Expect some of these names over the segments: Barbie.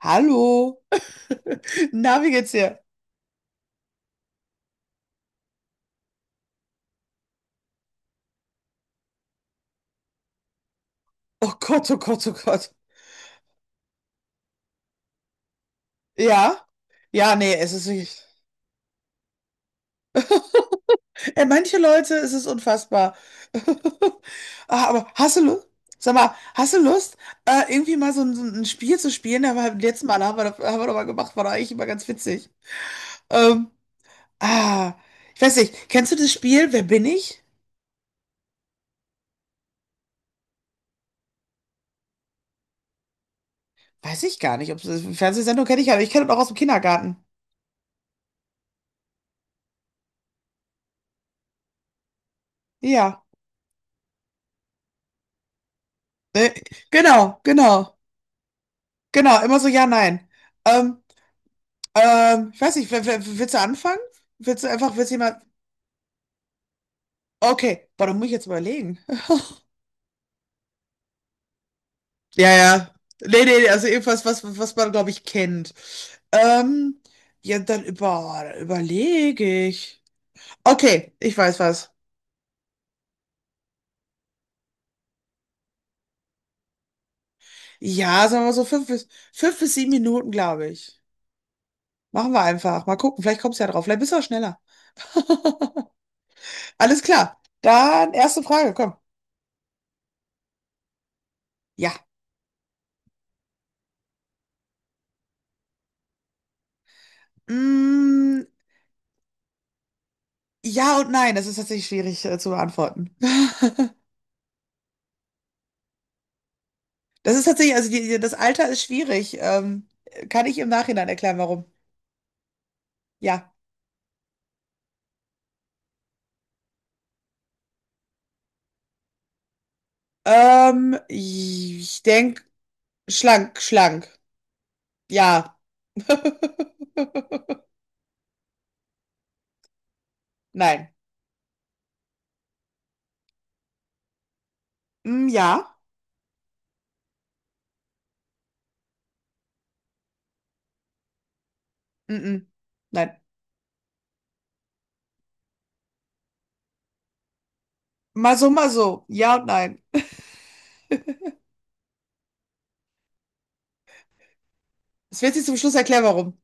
Hallo, na, wie geht's dir? Oh Gott, oh Gott, oh Gott. Ja? Ja, nee, es ist wirklich. Ey, manche Leute, es ist unfassbar. Ah, aber hast du Lust? Sag mal, hast du Lust, irgendwie mal so ein Spiel zu spielen? Aber beim letzten Mal haben wir doch mal gemacht, war doch eigentlich immer ganz witzig. Ähm, ah, ich weiß nicht, kennst du das Spiel Wer bin ich? Weiß ich gar nicht, ob es Fernsehsendung kenne ich ja, aber ich kenne es auch aus dem Kindergarten. Ja. Ne? Genau, genau. Genau, immer so ja, nein. Ähm, ich weiß nicht, willst du anfangen? Willst du einfach, willst du jemand. Okay, boah, da muss ich jetzt überlegen. Ja, ja. Nee, nee, nee, also irgendwas, was man, glaube ich, kennt. Ähm, ja, dann überlege ich. Okay, ich weiß was. Ja, sagen wir mal so 5 bis 7 Minuten, glaube ich. Machen wir einfach. Mal gucken, vielleicht kommst du ja drauf. Vielleicht bist du auch schneller. Alles klar. Dann erste Frage, komm. Ja. Mm, ja und nein, das ist tatsächlich schwierig, zu beantworten. Das ist tatsächlich, also das Alter ist schwierig. Kann ich im Nachhinein erklären, warum? Ja. Ich denke, schlank, schlank. Ja. Nein. Mm, ja. Mm-mm. Nein. Mal so, mal so. Ja und nein. Es wird sich zum Schluss erklären, warum.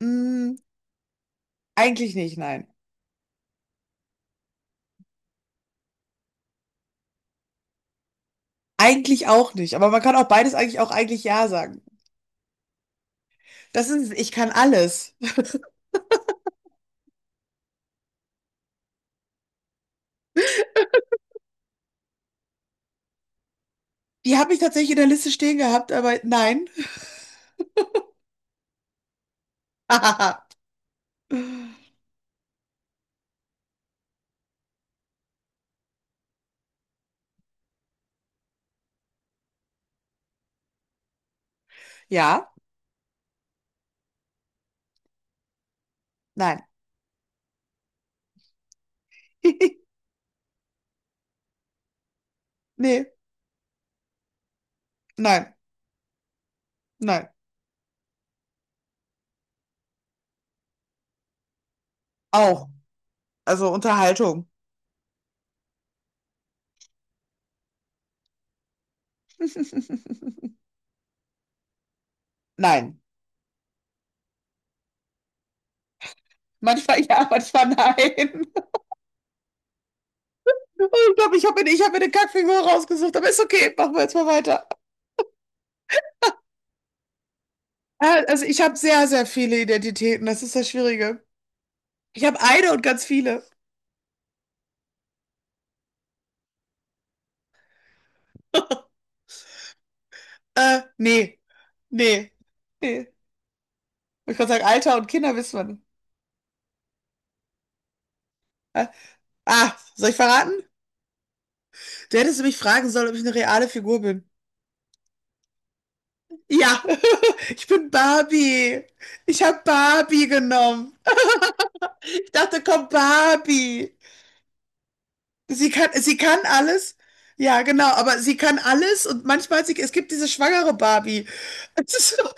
Mm, eigentlich nicht, nein. Eigentlich auch nicht. Aber man kann auch beides eigentlich auch eigentlich ja sagen. Das ist, ich kann alles. Die habe ich tatsächlich in der Liste stehen gehabt, aber nein. Ja, nein. Nee, nein, nein. Auch. Also Unterhaltung. Nein. Manchmal ja, manchmal nein. Ich glaube, ich hab mir eine Kackfigur rausgesucht, aber ist okay, machen wir jetzt mal weiter. Also ich habe sehr, sehr viele Identitäten, das ist das Schwierige. Ich habe eine und ganz viele. Nee, nee, nee. Ich kann sagen, Alter und Kinder wissen wir nicht. Äh, soll ich verraten? Du hättest mich fragen sollen, ob ich eine reale Figur bin. Ja, ich bin Barbie. Ich habe Barbie genommen. Ich dachte, komm, Barbie. Sie kann alles. Ja, genau, aber sie kann alles und manchmal, es gibt diese schwangere Barbie. Es ist so-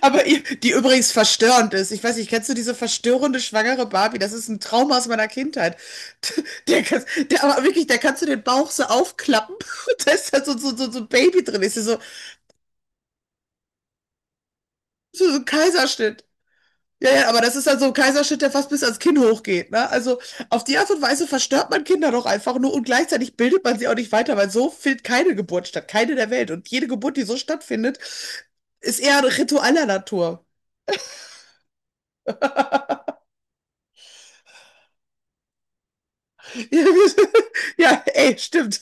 Aber die übrigens verstörend ist. Ich weiß nicht, kennst du diese verstörende schwangere Barbie? Das ist ein Trauma aus meiner Kindheit. Der, kann- der, aber wirklich, da kannst du den Bauch so aufklappen und da ist da so ein Baby drin. Ist ja so ein Kaiserschnitt. Ja, ja, aber das ist dann so ein Kaiserschnitt, der fast bis ans Kinn hochgeht, ne? Also auf die Art und Weise verstört man Kinder doch einfach nur und gleichzeitig bildet man sie auch nicht weiter, weil so findet keine Geburt statt, keine der Welt. Und jede Geburt, die so stattfindet, ist eher ritualer Natur. Ja, Ja, ey, stimmt.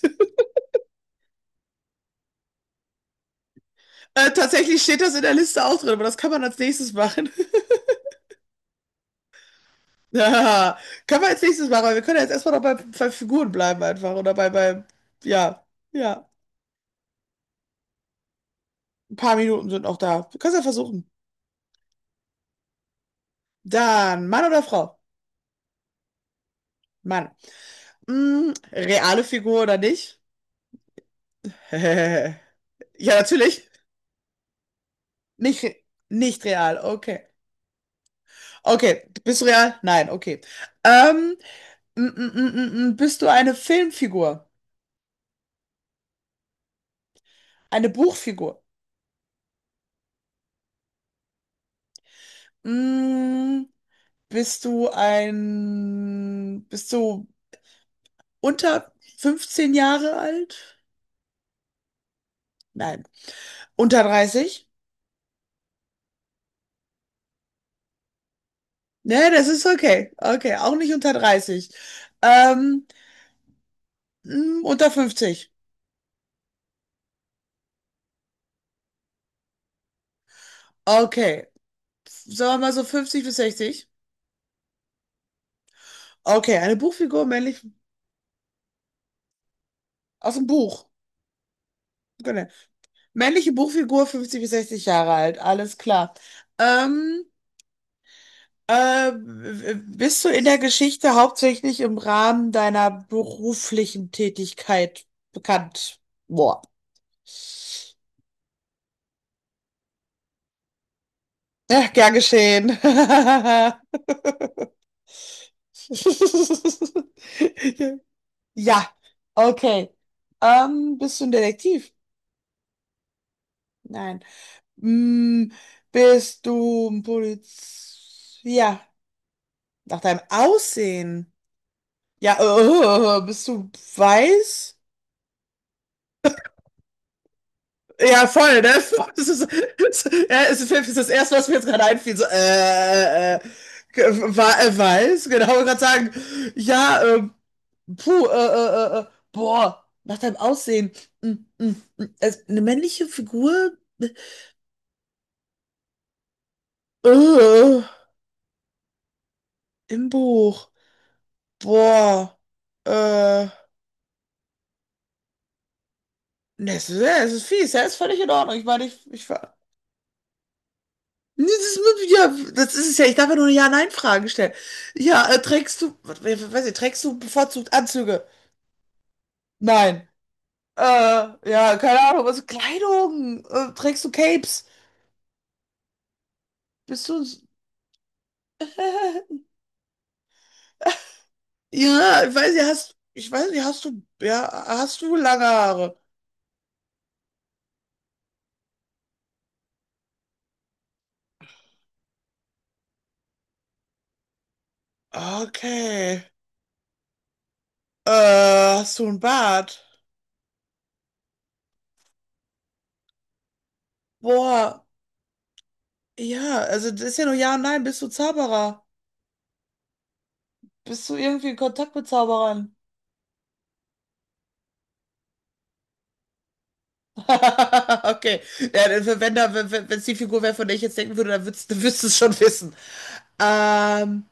Tatsächlich steht das in der Liste auch drin, aber das kann man als nächstes machen. Ja, kann man als nächstes machen, weil wir können ja jetzt erstmal noch bei Figuren bleiben einfach oder ja, ja, ein paar Minuten sind noch da. Du kannst ja versuchen. Dann Mann oder Frau? Mann. Reale Figur oder nicht? Ja, natürlich. Nicht, re- nicht real, okay. Okay, bist du real? Nein, okay. Ähm, bist du eine Filmfigur? Eine Buchfigur? Mm, Bist du unter 15 Jahre alt? Nein. Unter 30? Ne, das ist okay. Okay, auch nicht unter 30. Ähm, unter 50? Okay. Sagen wir mal so 50 bis 60. Okay, eine Buchfigur männlich aus dem Buch. Genau. Männliche Buchfigur 50 bis 60 Jahre alt, alles klar. Ähm, bist du in der Geschichte hauptsächlich im Rahmen deiner beruflichen Tätigkeit bekannt? Boah. Ja, gern geschehen. Ja, okay. Bist du ein Detektiv? Nein. Hm, bist du ein Poliz... Ja, nach deinem Aussehen. Ja, bist du weiß? Ja, voll, ne? Das ist, das, ja, das ist das Erste, was mir jetzt gerade einfiel. So, weiß? Genau, ich wollte gerade sagen. Ja, puh, boah, nach deinem Aussehen. Hm, hm, hm. Also, eine männliche Figur? Äh, im Buch. Boah, äh. Ne, Es ist, ja, es ist fies, ja, ist völlig in Ordnung. Ich meine, ich war. Nee, ja, das ist es ja. Ich darf ja nur eine Ja-Nein-Frage stellen. Ja, weiß ich, trägst du bevorzugt Anzüge? Nein. Äh, ja, keine Ahnung, Kleidung? Trägst du Capes? Bist du, ja, ich weiß nicht, hast du lange Haare? Okay. Äh, hast du einen Bart? Boah, ja, also das ist ja nur Ja und Nein, bist du Zauberer? Bist du irgendwie in Kontakt mit Zauberern? Okay. Ja, dann, wenn da, wenn wenn es die Figur wäre, von der ich jetzt denken würde, dann würdest du es schon wissen. Ähm.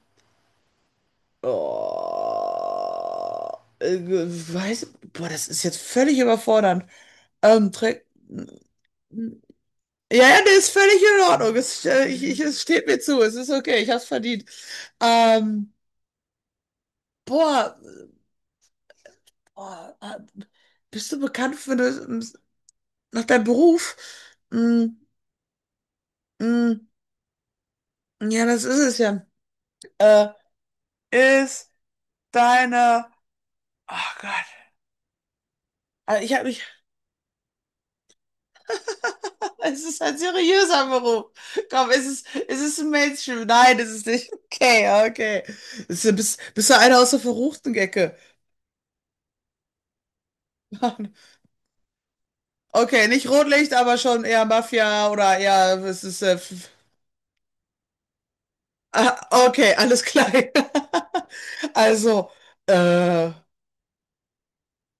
Oh, äh, weiß, boah, das ist jetzt völlig überfordernd. Ähm, trä- ja, ja, der ist völlig in Ordnung. Es steht mir zu. Es ist okay. Ich hab's verdient. Ähm, boah, boah, bist du bekannt für das, nach deinem Beruf? Mm, mm. Ja, das ist es ja. Äh, ist deine. Oh Gott. Also ich habe mich. Es ist ein seriöser Beruf. Komm, ist es ein Mainstream? Nein, ist es nicht. Okay, okay. Bist du einer aus der verruchten Ecke? Mann. Okay, nicht Rotlicht, aber schon eher Mafia oder eher. Es ist. Ah, okay, alles klar. Also, äh,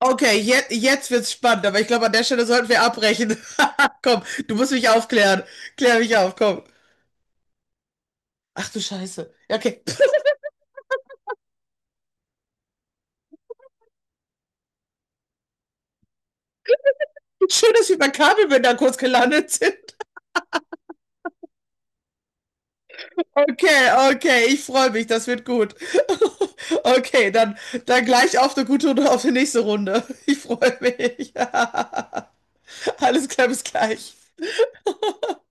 Okay, jetzt wird's spannend, aber ich glaube, an der Stelle sollten wir abbrechen. Komm, du musst mich aufklären. Klär mich auf, komm. Ach du Scheiße. Ja, okay. Schön, dass wir bei Kabelbinder kurz gelandet sind. Okay, okay, ich freue mich, das wird gut. Okay, dann gleich auf eine gute und auf die nächste Runde. Ich freue mich. Alles klar, bis gleich.